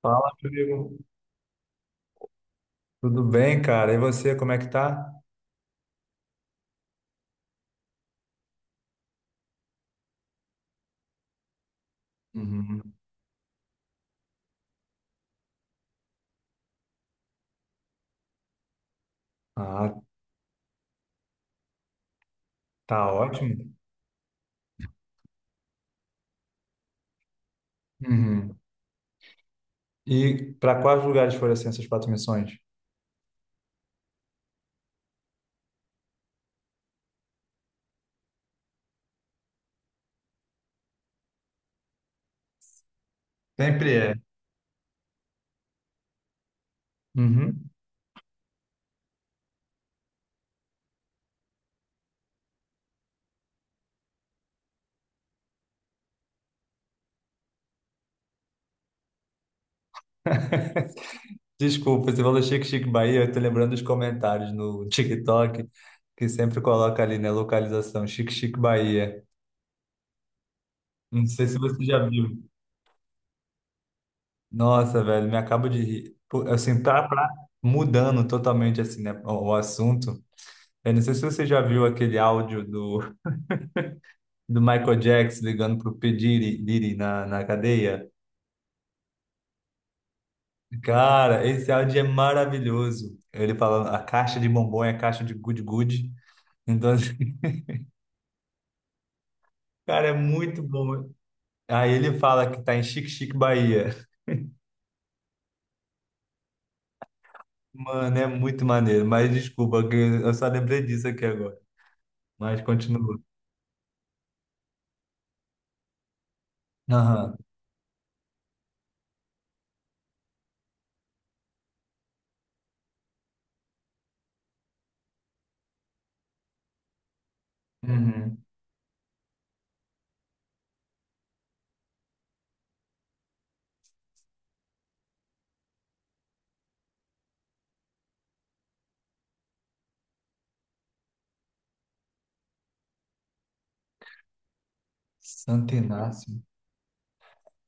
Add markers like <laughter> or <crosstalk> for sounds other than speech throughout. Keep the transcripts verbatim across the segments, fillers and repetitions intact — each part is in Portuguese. Fala, amigo. Tudo bem, cara? E você, como é que tá? Uhum. Ah, tá ótimo. Uhum. E para quais lugares foram assim essas quatro missões? Sempre é. Uhum. Desculpa, você falou Chique Chique Bahia, eu tô lembrando dos comentários no TikTok, que sempre coloca ali, né, localização, Chique Chique Bahia. Não sei se você já viu. Nossa, velho, me acabo de rir. Pô, assim, tá, tá mudando totalmente, assim, né, o o assunto. Eu não sei se você já viu aquele áudio do do Michael Jackson ligando pro P. Diddy, Diddy na, na cadeia. Cara, esse áudio é maravilhoso. Ele falando, a caixa de bombom é a caixa de good good. Então, assim, <laughs> cara, é muito bom. Aí ele fala que tá em Chique Chique, Bahia. Mano, é muito maneiro. Mas desculpa, que eu só lembrei disso aqui agora. Mas continua. Aham. Uhum. Santo Inácio.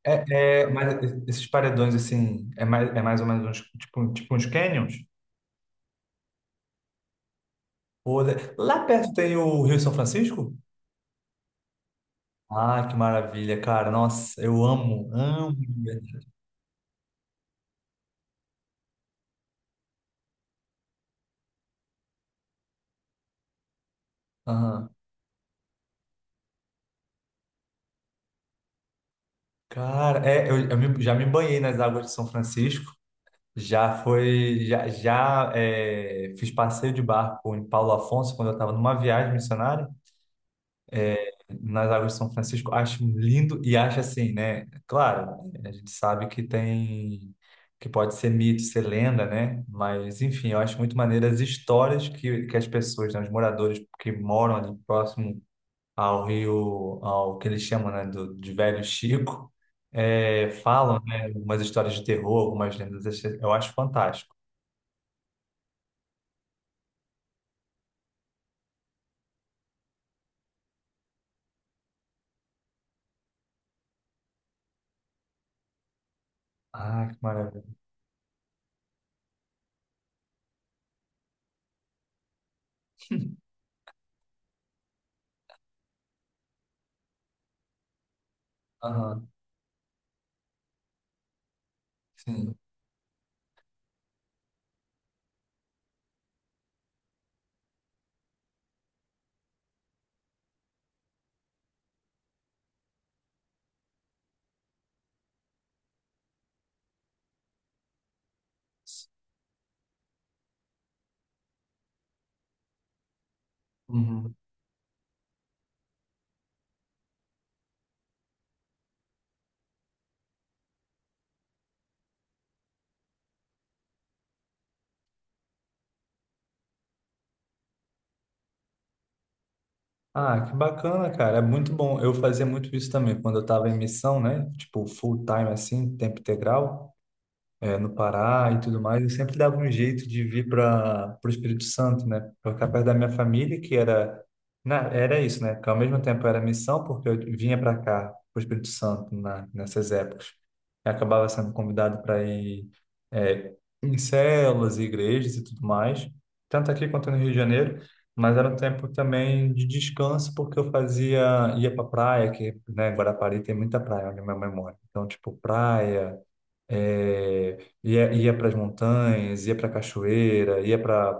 É, é, mas esses paredões, assim, é mais, é mais ou menos uns, tipo, tipo uns canyons? Ou- Lá perto tem o Rio São Francisco? Ah, que maravilha, cara. Nossa, eu amo, amo. Aham. Cara, é, eu, eu me- já me banhei nas águas de São Francisco. Já foi, já, já é, fiz passeio de barco em Paulo Afonso quando eu estava numa viagem missionária nas águas de São Francisco. Acho lindo e acho assim, né? Claro, a gente sabe que tem, que pode ser mito, ser lenda, né? Mas enfim, eu acho muito maneiro as histórias que, que as pessoas, né, os moradores que moram ali próximo ao Rio, ao que eles chamam, né, do, de Velho Chico, é, falam, né, umas histórias de terror, algumas lendas, esse eu acho fantástico. Ah, que maravilha. Aham, sim. Uhum. Ah, que bacana, cara. É muito bom. Eu fazia muito isso também quando eu estava em missão, né? Tipo, full time assim, tempo integral. É, no Pará e tudo mais, eu sempre dava um jeito de vir para o Espírito Santo, né? Para ficar perto da minha família, que era, na- era isso, né? Que ao mesmo tempo era missão, porque eu vinha para cá, para o Espírito Santo, na, nessas épocas. Eu acabava sendo convidado para ir é, em células, igrejas e tudo mais, tanto aqui quanto no Rio de Janeiro. Mas era um tempo também de descanso, porque eu fazia, ia pra praia, que, né, Guarapari tem muita praia onde minha mãe mora. Então, tipo, praia, é, ia ia para as montanhas, ia para a cachoeira, ia para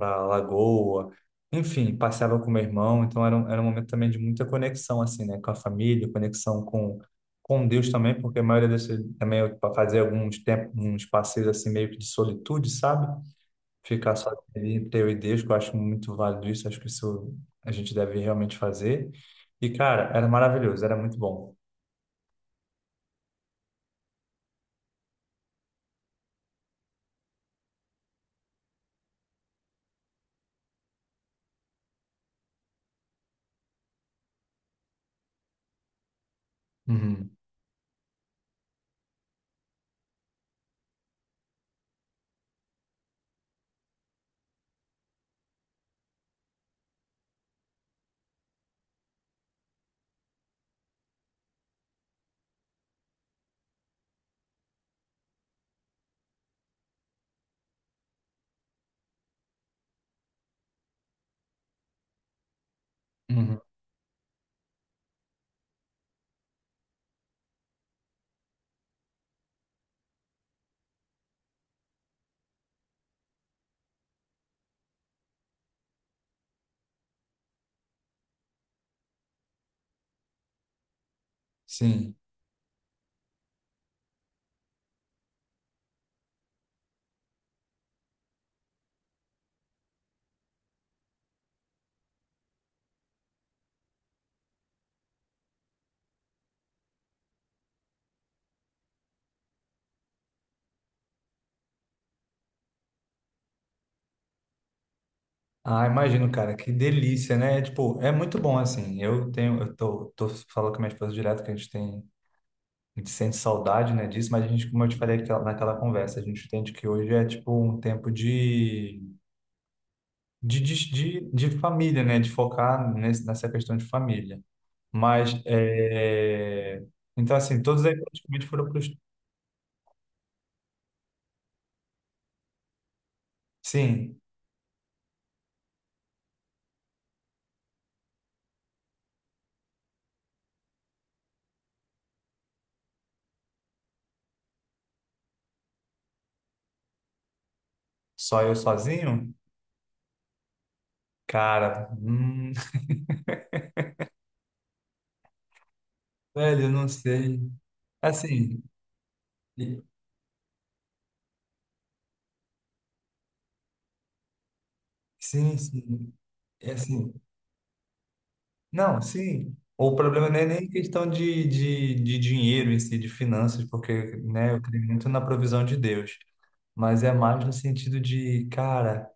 a lagoa, enfim, passeava com meu irmão. Então era um, era um momento também de muita conexão, assim, né, com a família, conexão com, com Deus também, porque a maioria das vezes também eu fazia alguns tempos, uns passeios assim meio que de solitude, sabe? Ficar só ali entre eu e Deus, que eu acho muito válido isso, acho que isso a gente deve realmente fazer. E cara, era maravilhoso, era muito bom. Uhum, uhum, sim. Ah, imagino, cara, que delícia, né? Tipo, é muito bom assim. Eu tenho, eu tô, tô falando com a minha esposa direto que a gente tem, a gente sente saudade, né, disso, mas a gente, como eu te falei aquela- naquela conversa, a gente entende que hoje é tipo um tempo de, de, de, de, de família, né? De focar nesse, nessa questão de família. Mas, é... então assim, todos aí praticamente foram pros... Sim, só eu sozinho? Cara, hum, <laughs> velho, eu não sei. Assim, sim, sim. É assim, não, sim. O problema não é nem questão de, de, de dinheiro em si, de finanças, porque, né, eu creio muito na provisão de Deus, mas é mais no sentido de, cara,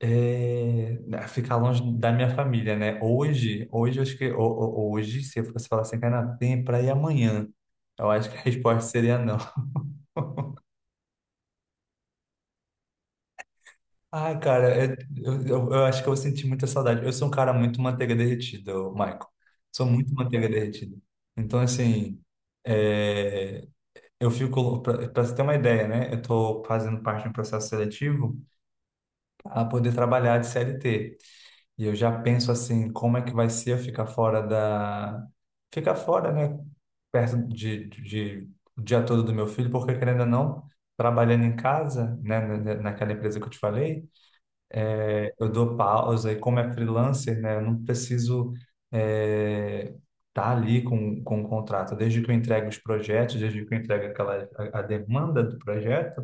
é, né, ficar longe da minha família, né? Hoje, hoje, eu acho que, ho- ho- hoje, se eu fosse falar assim, cara, tem pra ir amanhã, eu acho que a <laughs> resposta seria não. Ah, cara, é- eu, eu, eu acho que eu vou sentir muita saudade. Eu sou um cara muito manteiga derretida, ô, Michael. Sou muito manteiga derretida. Então, assim. é, Eu fico, para você ter uma ideia, né? Eu estou fazendo parte de um processo seletivo para poder trabalhar de C L T. E eu já penso assim, como é que vai ser eu ficar fora da... Ficar fora, né? Perto de, de, o dia todo do meu filho, porque querendo ou não, trabalhando em casa, né? na- na- Naquela empresa que eu te falei, é, eu dou pausa e como é freelancer, né, eu não preciso estar tá ali com, com o contrato. Desde que eu entregue os projetos, desde que eu entregue aquela, a, a demanda do projeto,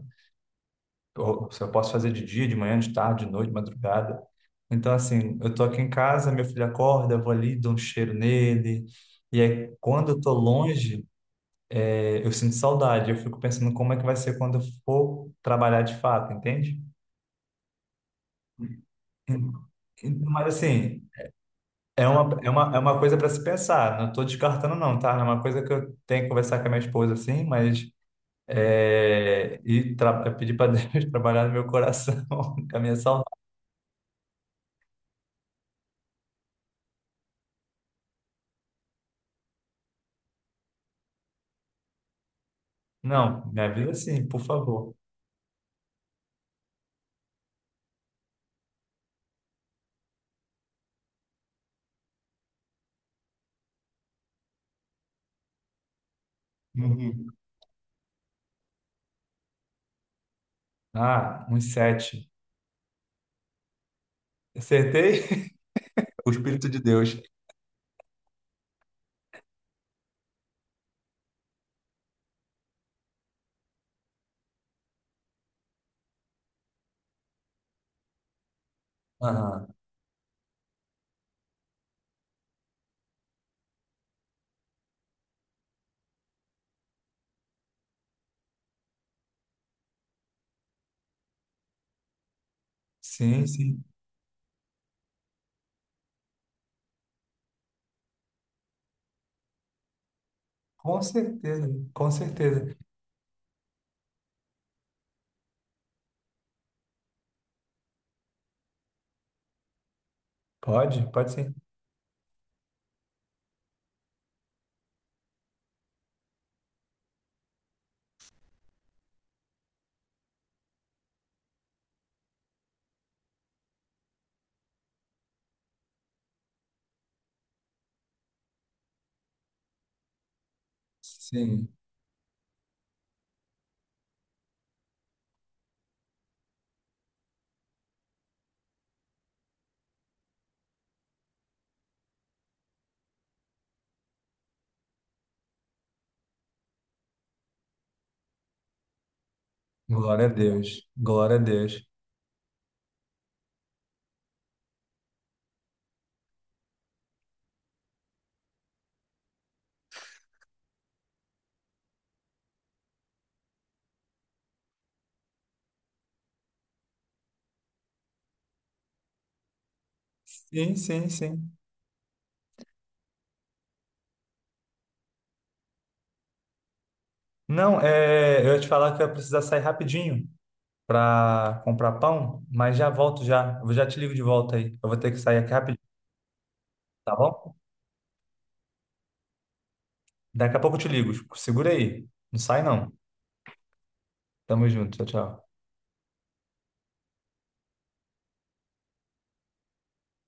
ou, se eu posso fazer de dia, de manhã, de tarde, de noite, de madrugada. Então, assim, eu tô aqui em casa, meu filho acorda, eu vou ali, dou um cheiro nele. E aí, quando eu tô longe, é, eu sinto saudade. Eu fico pensando como é que vai ser quando eu for trabalhar de fato, entende? Mas assim, É uma, é uma, é uma coisa para se pensar. Não estou descartando, não, tá? É uma coisa que eu tenho que conversar com a minha esposa, assim, mas. É, e tra- pedir para Deus <laughs> trabalhar no meu coração, <laughs> com a minha saudade. Não, minha vida sim, por favor. Uhum. Ah, uns sete. Acertei? <laughs> O Espírito de Deus. Aham. Sim, sim. Com certeza, com certeza. Pode, pode sim. Sim. Glória a Deus. Glória a Deus. Sim, sim, sim. Não, é, eu ia te falar que eu ia precisar sair rapidinho para comprar pão, mas já volto já. Eu já te ligo de volta aí. Eu vou ter que sair aqui rapidinho, tá bom? Daqui a pouco eu te ligo. Segura aí. Não sai não. Tamo junto. Tchau, tchau.